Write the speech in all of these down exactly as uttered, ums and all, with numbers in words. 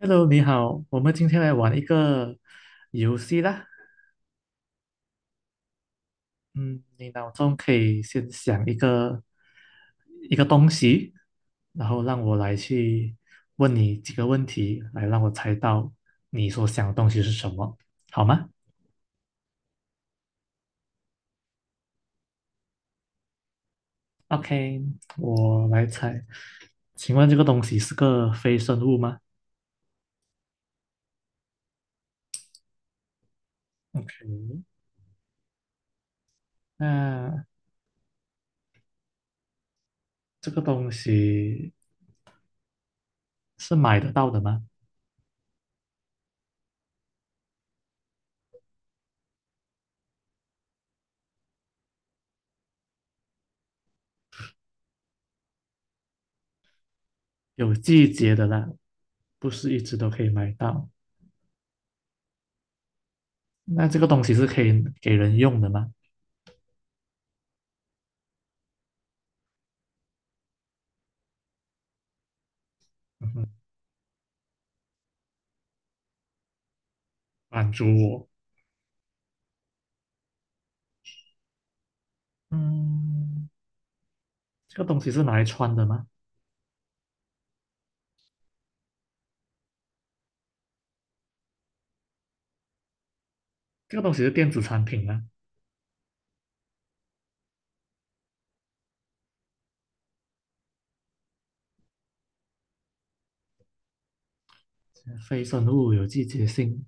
Hello，你好，我们今天来玩一个游戏啦。嗯，你脑中可以先想一个一个东西，然后让我来去问你几个问题，来让我猜到你所想的东西是什么，好吗？OK，我来猜。请问这个东西是个非生物吗？OK，那这个东西是买得到的吗？有季节的啦，不是一直都可以买到。那这个东西是可以给人用的吗？嗯哼，满足我。嗯，这个东西是拿来穿的吗？这个东西是电子产品吗？非生物有季节性。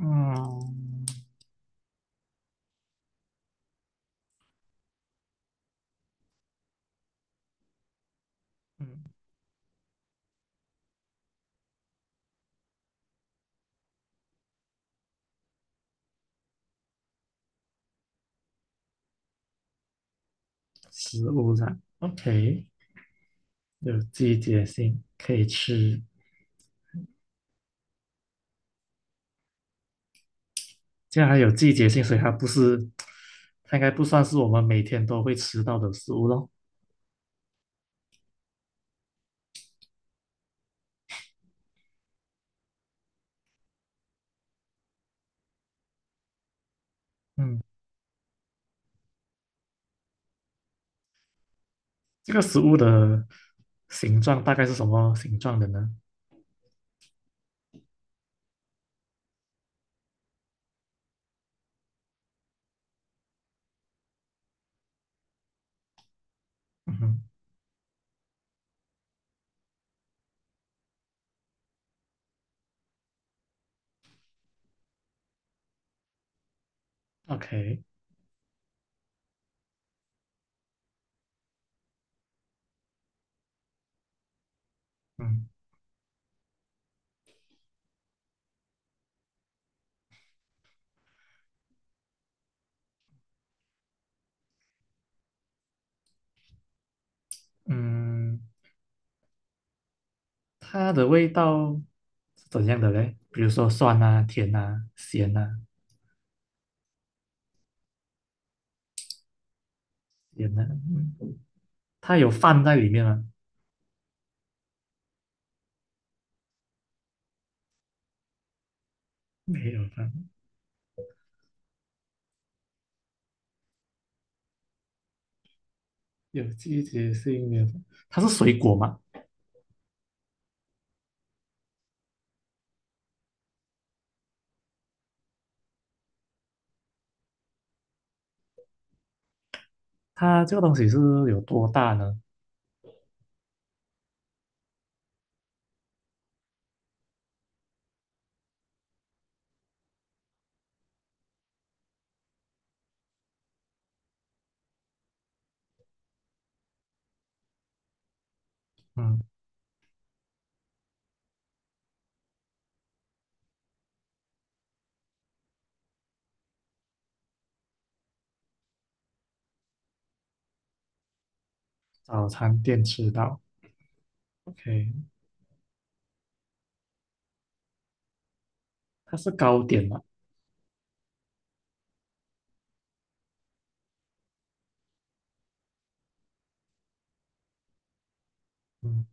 嗯嗯，食物上 OK，有季节性可以吃。既然它有季节性，所以它不是，它应该不算是我们每天都会吃到的食物咯。嗯，这个食物的形状大概是什么形状的呢？嗯哼，OK，嗯嗯，它的味道是怎样的嘞？比如说酸啊、甜啊、咸啊、咸啊，嗯它有饭在里面吗？没有饭，有季节性的。它是水果嘛？它这个东西是有多大呢？嗯，早餐店吃到，OK，它是糕点嘛？嗯，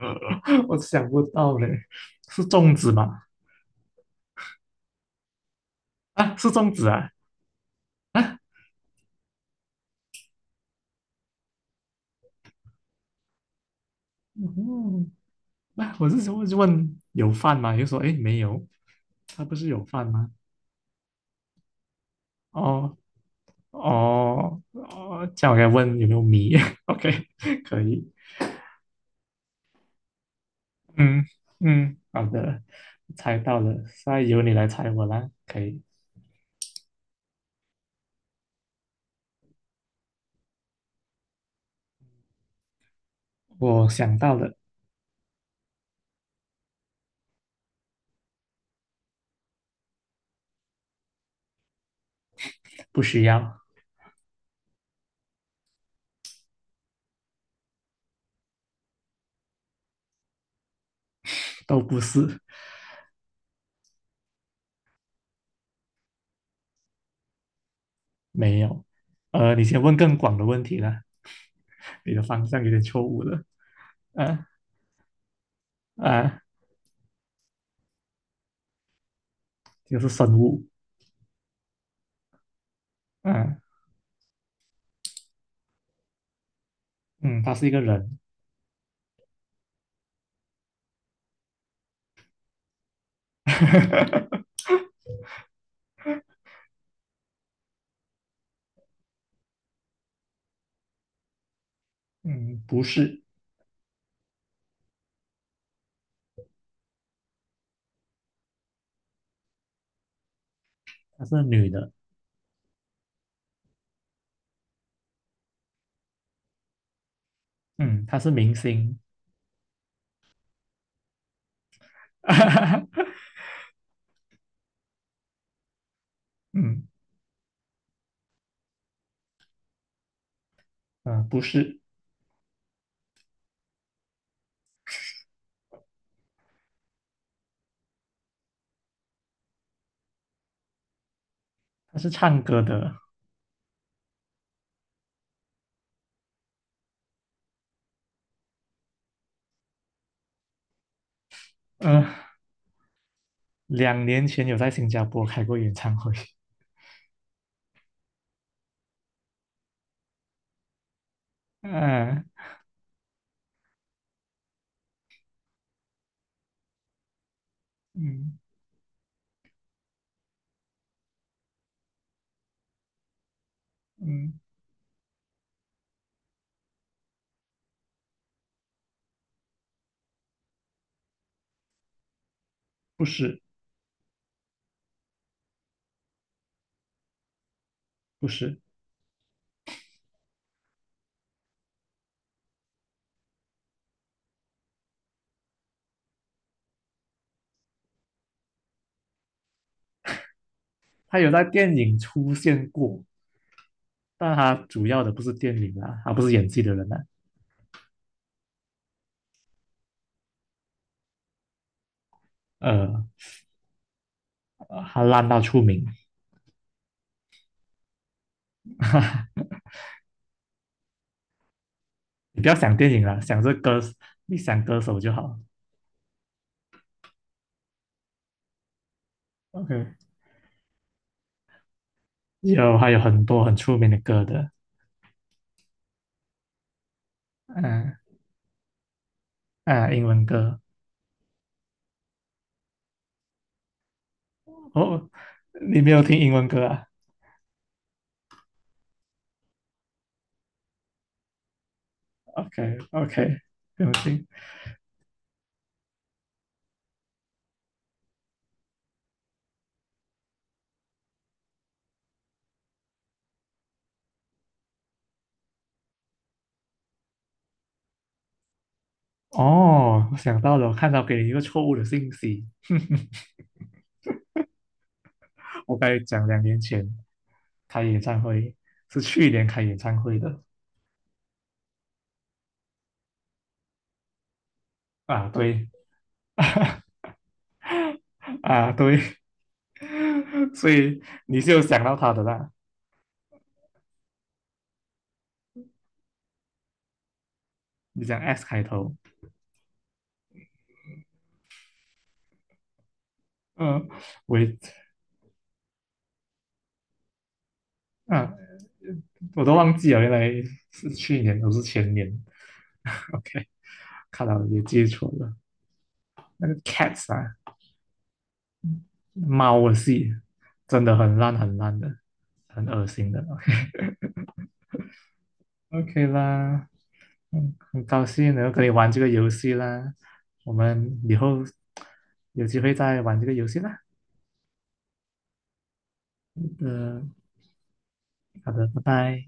我想不到嘞，是粽子吗？啊，是粽子啊啊，嗯，那、我是说，就问有饭吗？又说诶没有，它不是有饭吗？哦，哦哦，这样我该问有没有米 ？OK，可以，嗯嗯，好的，猜到了，现在由你来猜我啦，可以，我想到了，不需要，都不是，没有，呃，你先问更广的问题啦，你的方向有点错误了，啊啊，就是生物，嗯嗯，她是一个人，嗯，不是，她是女的，嗯，她是明星，嗯嗯，呃不是，她是唱歌的。嗯、呃，两年前有在新加坡开过演唱会。嗯、嗯嗯，不是不是，他有在电影出现过，但他主要的不是电影啊，他不是演技的人啊。呃，他烂到出名。你不要想电影了，想这歌，你想歌手就好。OK，有还有很多很出名的歌的，嗯嗯，英文歌。哦，你没有听英文歌啊？OK OK，不用听。哦，我想到了，我看到给你一个错误的信息。我刚才讲两年前开演唱会，是去年开演唱会的啊，对，啊对，所以你是有想到他的啦。你讲 S 开头，嗯、我也啊，我都忘记了，原来是去年，不是前年。OK，看到了也记错了。那个 Cats 啊，猫的戏真的很烂很烂的，很恶心的。OK。OK 啦，嗯，很高兴能够跟你玩这个游戏啦，我们以后有机会再玩这个游戏啦。嗯，好的，拜拜。